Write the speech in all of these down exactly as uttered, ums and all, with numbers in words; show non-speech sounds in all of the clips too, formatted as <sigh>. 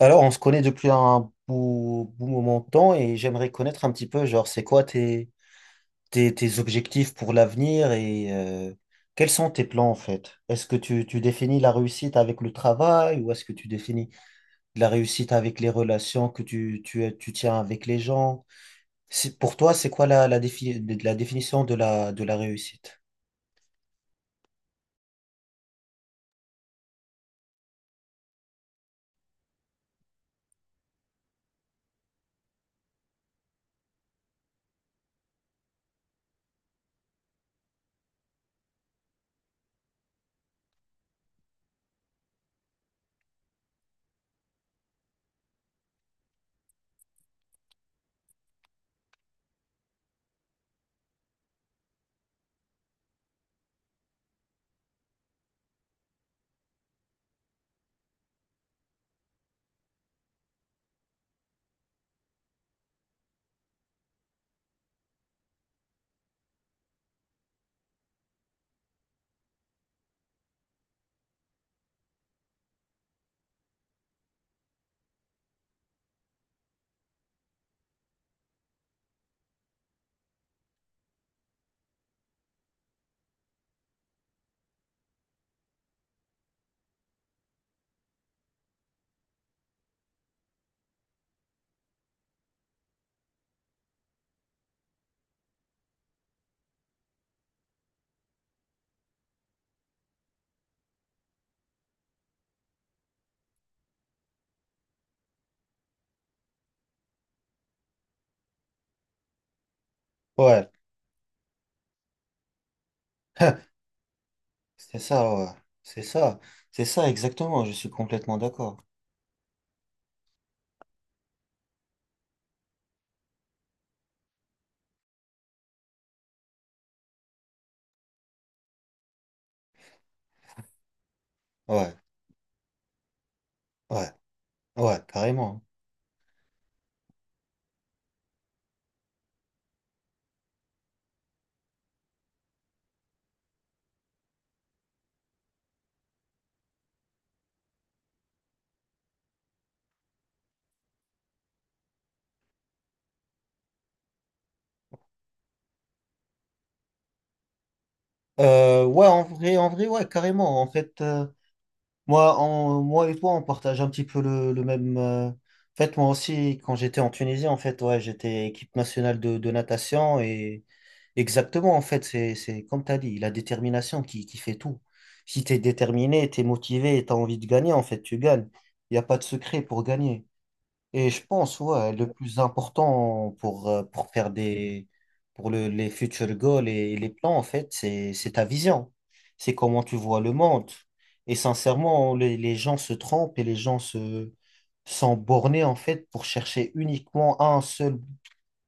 Alors, on se connaît depuis un beau, beau moment de temps, et j'aimerais connaître un petit peu, genre, c'est quoi tes, tes, tes objectifs pour l'avenir et euh, quels sont tes plans en fait? Est-ce que tu, tu définis la réussite avec le travail, ou est-ce que tu définis la réussite avec les relations que tu, tu, tu tiens avec les gens? C'est, pour toi, c'est quoi la, la, défi- de- la définition de la, de la réussite? Ouais, <laughs> c'est ça, ouais. C'est ça. C'est ça, exactement. Je suis complètement d'accord. Ouais, ouais, ouais, carrément. Euh, ouais, en vrai, en vrai, ouais, carrément. En fait. euh, Moi, on- moi et toi, on partage un petit peu le, le même. euh, En fait, moi aussi, quand j'étais en Tunisie, en fait, ouais, j'étais équipe nationale de, de natation. Et exactement, en fait, c'est, c'est comme tu as dit, la détermination qui, qui fait tout. Si tu es déterminé, tu es motivé et tu as envie de gagner, en fait, tu gagnes. Il n'y a pas de secret pour gagner. Et je pense, ouais, le plus important pour, euh, pour faire des, pour le- les future goals et les plans, en fait, c'est, c'est ta vision. C'est comment tu vois le monde. Et sincèrement, les, les gens se trompent, et les gens se, sont bornés, en fait, pour chercher uniquement un seul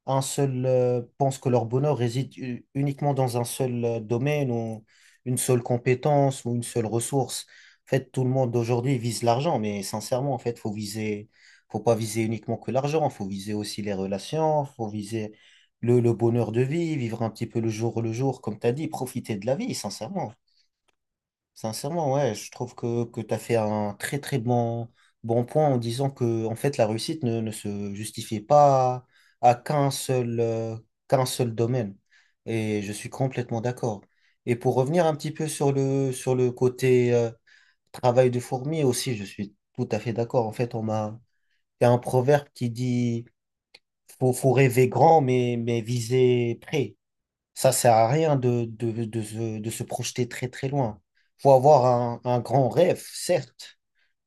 un seul, euh, pense que leur bonheur réside u- uniquement dans un seul euh, domaine, ou une seule compétence, ou une seule ressource. En fait, tout le monde aujourd'hui vise l'argent, mais sincèrement, en fait, faut viser, faut pas viser uniquement que l'argent, faut viser aussi les relations, faut viser le, le bonheur de vie, vivre un petit peu le jour le jour, comme tu as dit, profiter de la vie, sincèrement. Sincèrement, ouais, je trouve que, que tu as fait un très très bon, bon point, en disant que en fait la réussite ne, ne se justifie pas à qu'un seul, euh, qu'un seul domaine. Et je suis complètement d'accord. Et pour revenir un petit peu sur le, sur le côté euh, travail de fourmi aussi, je suis tout à fait d'accord. En fait, on m'a, il y a un proverbe qui dit: faut, faut rêver grand, mais, mais viser près. Ça sert à rien de, de, de se, de se projeter très très loin. Faut avoir un, un grand rêve, certes,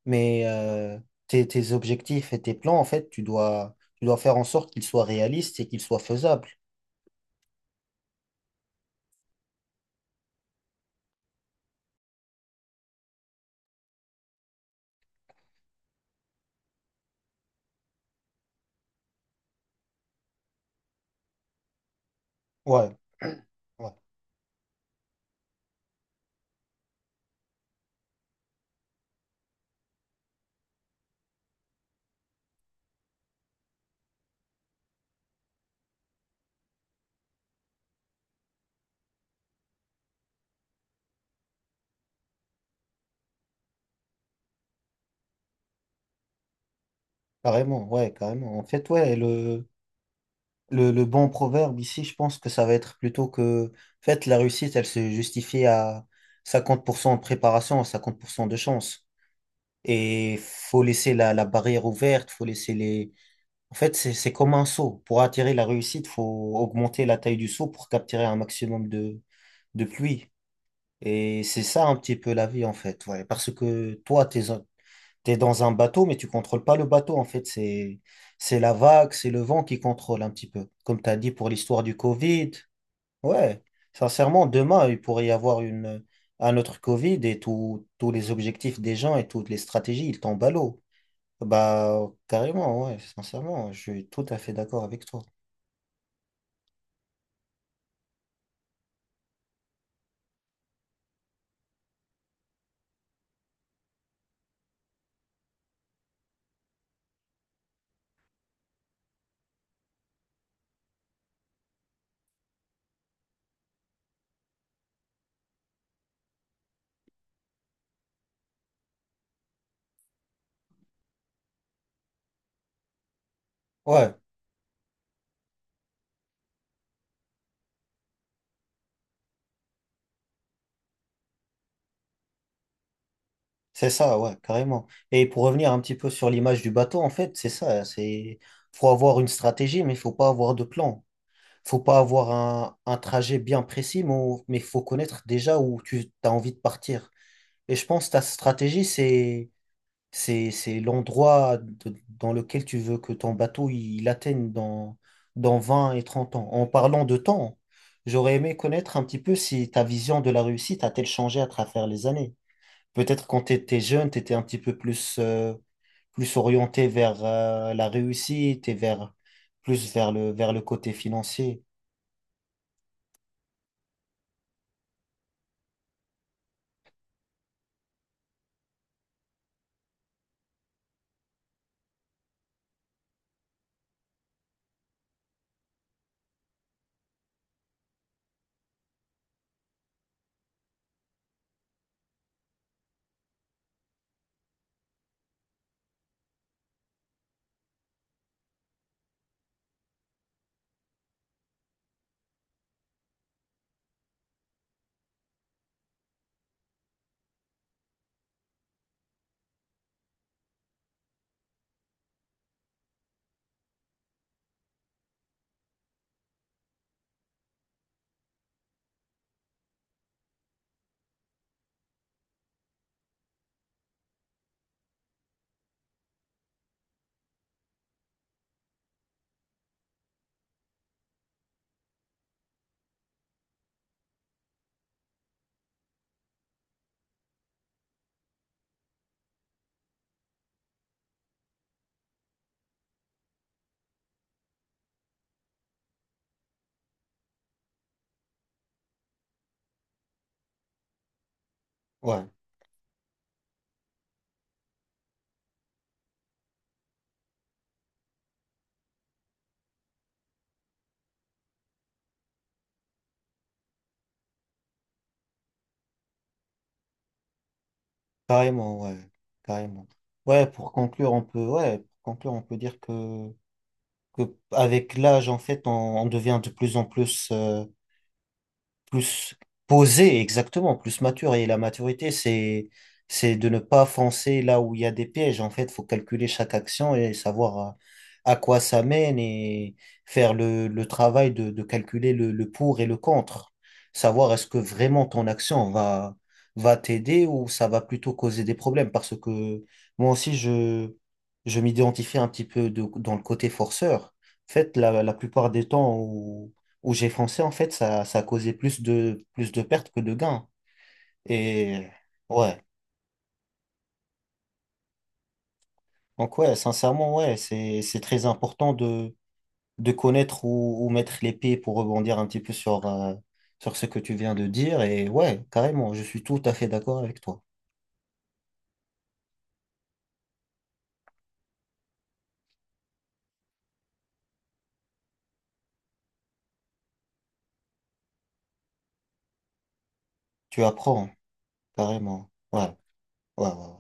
mais euh, tes, tes objectifs et tes plans, en fait, tu dois, tu dois faire en sorte qu'ils soient réalistes et qu'ils soient faisables. Ouais, ouais, carrément, ouais, carrément. En fait, ouais, le, le, le bon proverbe ici, je pense que ça va être plutôt que, en fait, la réussite, elle se justifie à cinquante pour cent de préparation, à cinquante pour cent de chance. Et faut laisser la, la barrière ouverte. faut laisser les, En fait, c'est, c'est comme un seau. Pour attirer la réussite, faut augmenter la taille du seau pour capturer un maximum de, de pluie. Et c'est ça un petit peu la vie, en fait. Ouais. Parce que toi, t'es, t'es dans un bateau, mais tu contrôles pas le bateau, en fait. C'est, c'est la vague, c'est le vent qui contrôle un petit peu. Comme tu as dit pour l'histoire du Covid. Ouais. Sincèrement, demain, il pourrait y avoir une, un autre Covid, et tous tous les objectifs des gens et toutes les stratégies, ils tombent à l'eau. Bah, carrément, ouais, sincèrement, je suis tout à fait d'accord avec toi. Ouais, c'est ça, ouais, carrément. Et pour revenir un petit peu sur l'image du bateau, en fait, c'est ça, c'est faut avoir une stratégie, mais il faut pas avoir de plan. Faut pas avoir un, un trajet bien précis, mais au- mais faut connaître déjà où tu as envie de partir. Et je pense que ta stratégie, c'est c'est c'est l'endroit de- dans lequel tu veux que ton bateau il atteigne dans dans vingt et trente ans. En parlant de temps, j'aurais aimé connaître un petit peu si ta vision de la réussite a-t-elle changé à travers les années. Peut-être quand tu étais jeune, tu étais un petit peu plus, euh, plus orienté vers euh, la réussite, et vers, plus vers le, vers le côté financier. Ouais, carrément, ouais, carrément. Ouais, pour conclure, on peut, ouais, pour conclure, on peut dire que, que avec l'âge, en fait, on, on devient de plus en plus, euh, plus posé, exactement, plus mature. Et la maturité, c'est, c'est de ne pas foncer là où il y a des pièges. En fait, faut calculer chaque action et savoir à, à quoi ça mène, et faire le, le travail de, de calculer le, le pour et le contre. Savoir est-ce que vraiment ton action va, va t'aider, ou ça va plutôt causer des problèmes. Parce que moi aussi, je, je m'identifie un petit peu de- dans le côté forceur. En fait, la, la plupart des temps où où j'ai foncé, en fait, ça, ça a causé plus de, plus de pertes que de gains. Et ouais, donc ouais, sincèrement, ouais, c'est, c'est très important de, de connaître où, où mettre les pieds pour rebondir un petit peu sur, euh, sur ce que tu viens de dire. Et ouais, carrément, je suis tout à fait d'accord avec toi. Tu apprends, carrément. Ouais, ouais, ouais, ouais,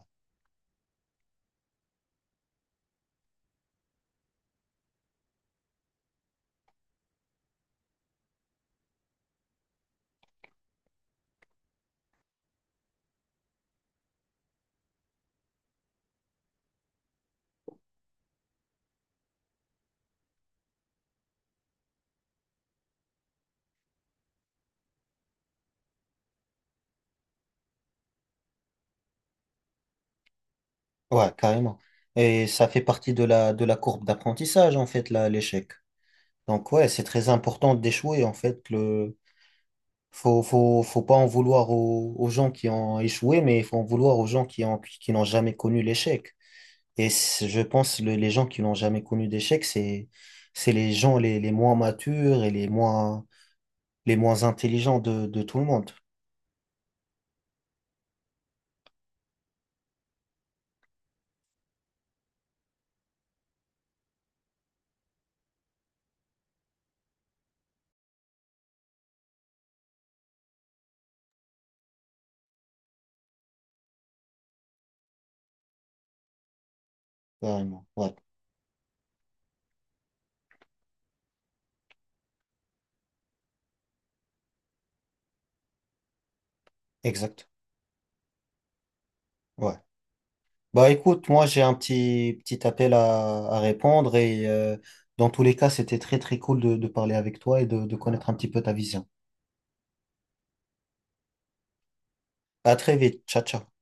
Ouais, carrément. Et ça fait partie de la, de la courbe d'apprentissage, en fait, là, l'échec. Donc ouais, c'est très important d'échouer, en fait, le. Faut, faut, faut pas en vouloir aux, aux gens qui ont échoué, mais il faut en vouloir aux gens qui ont, qui qui n'ont jamais connu l'échec. Et c- je pense que les gens qui n'ont jamais connu d'échec, c'est, c'est les gens les, les moins matures et les moins, les moins intelligents de, de tout le monde. Carrément. Ouais, exact. Ouais. Bah écoute, moi j'ai un petit, petit appel à, à répondre, et euh, dans tous les cas, c'était très très cool de, de parler avec toi et de, de connaître un petit peu ta vision. À très vite. Ciao, ciao.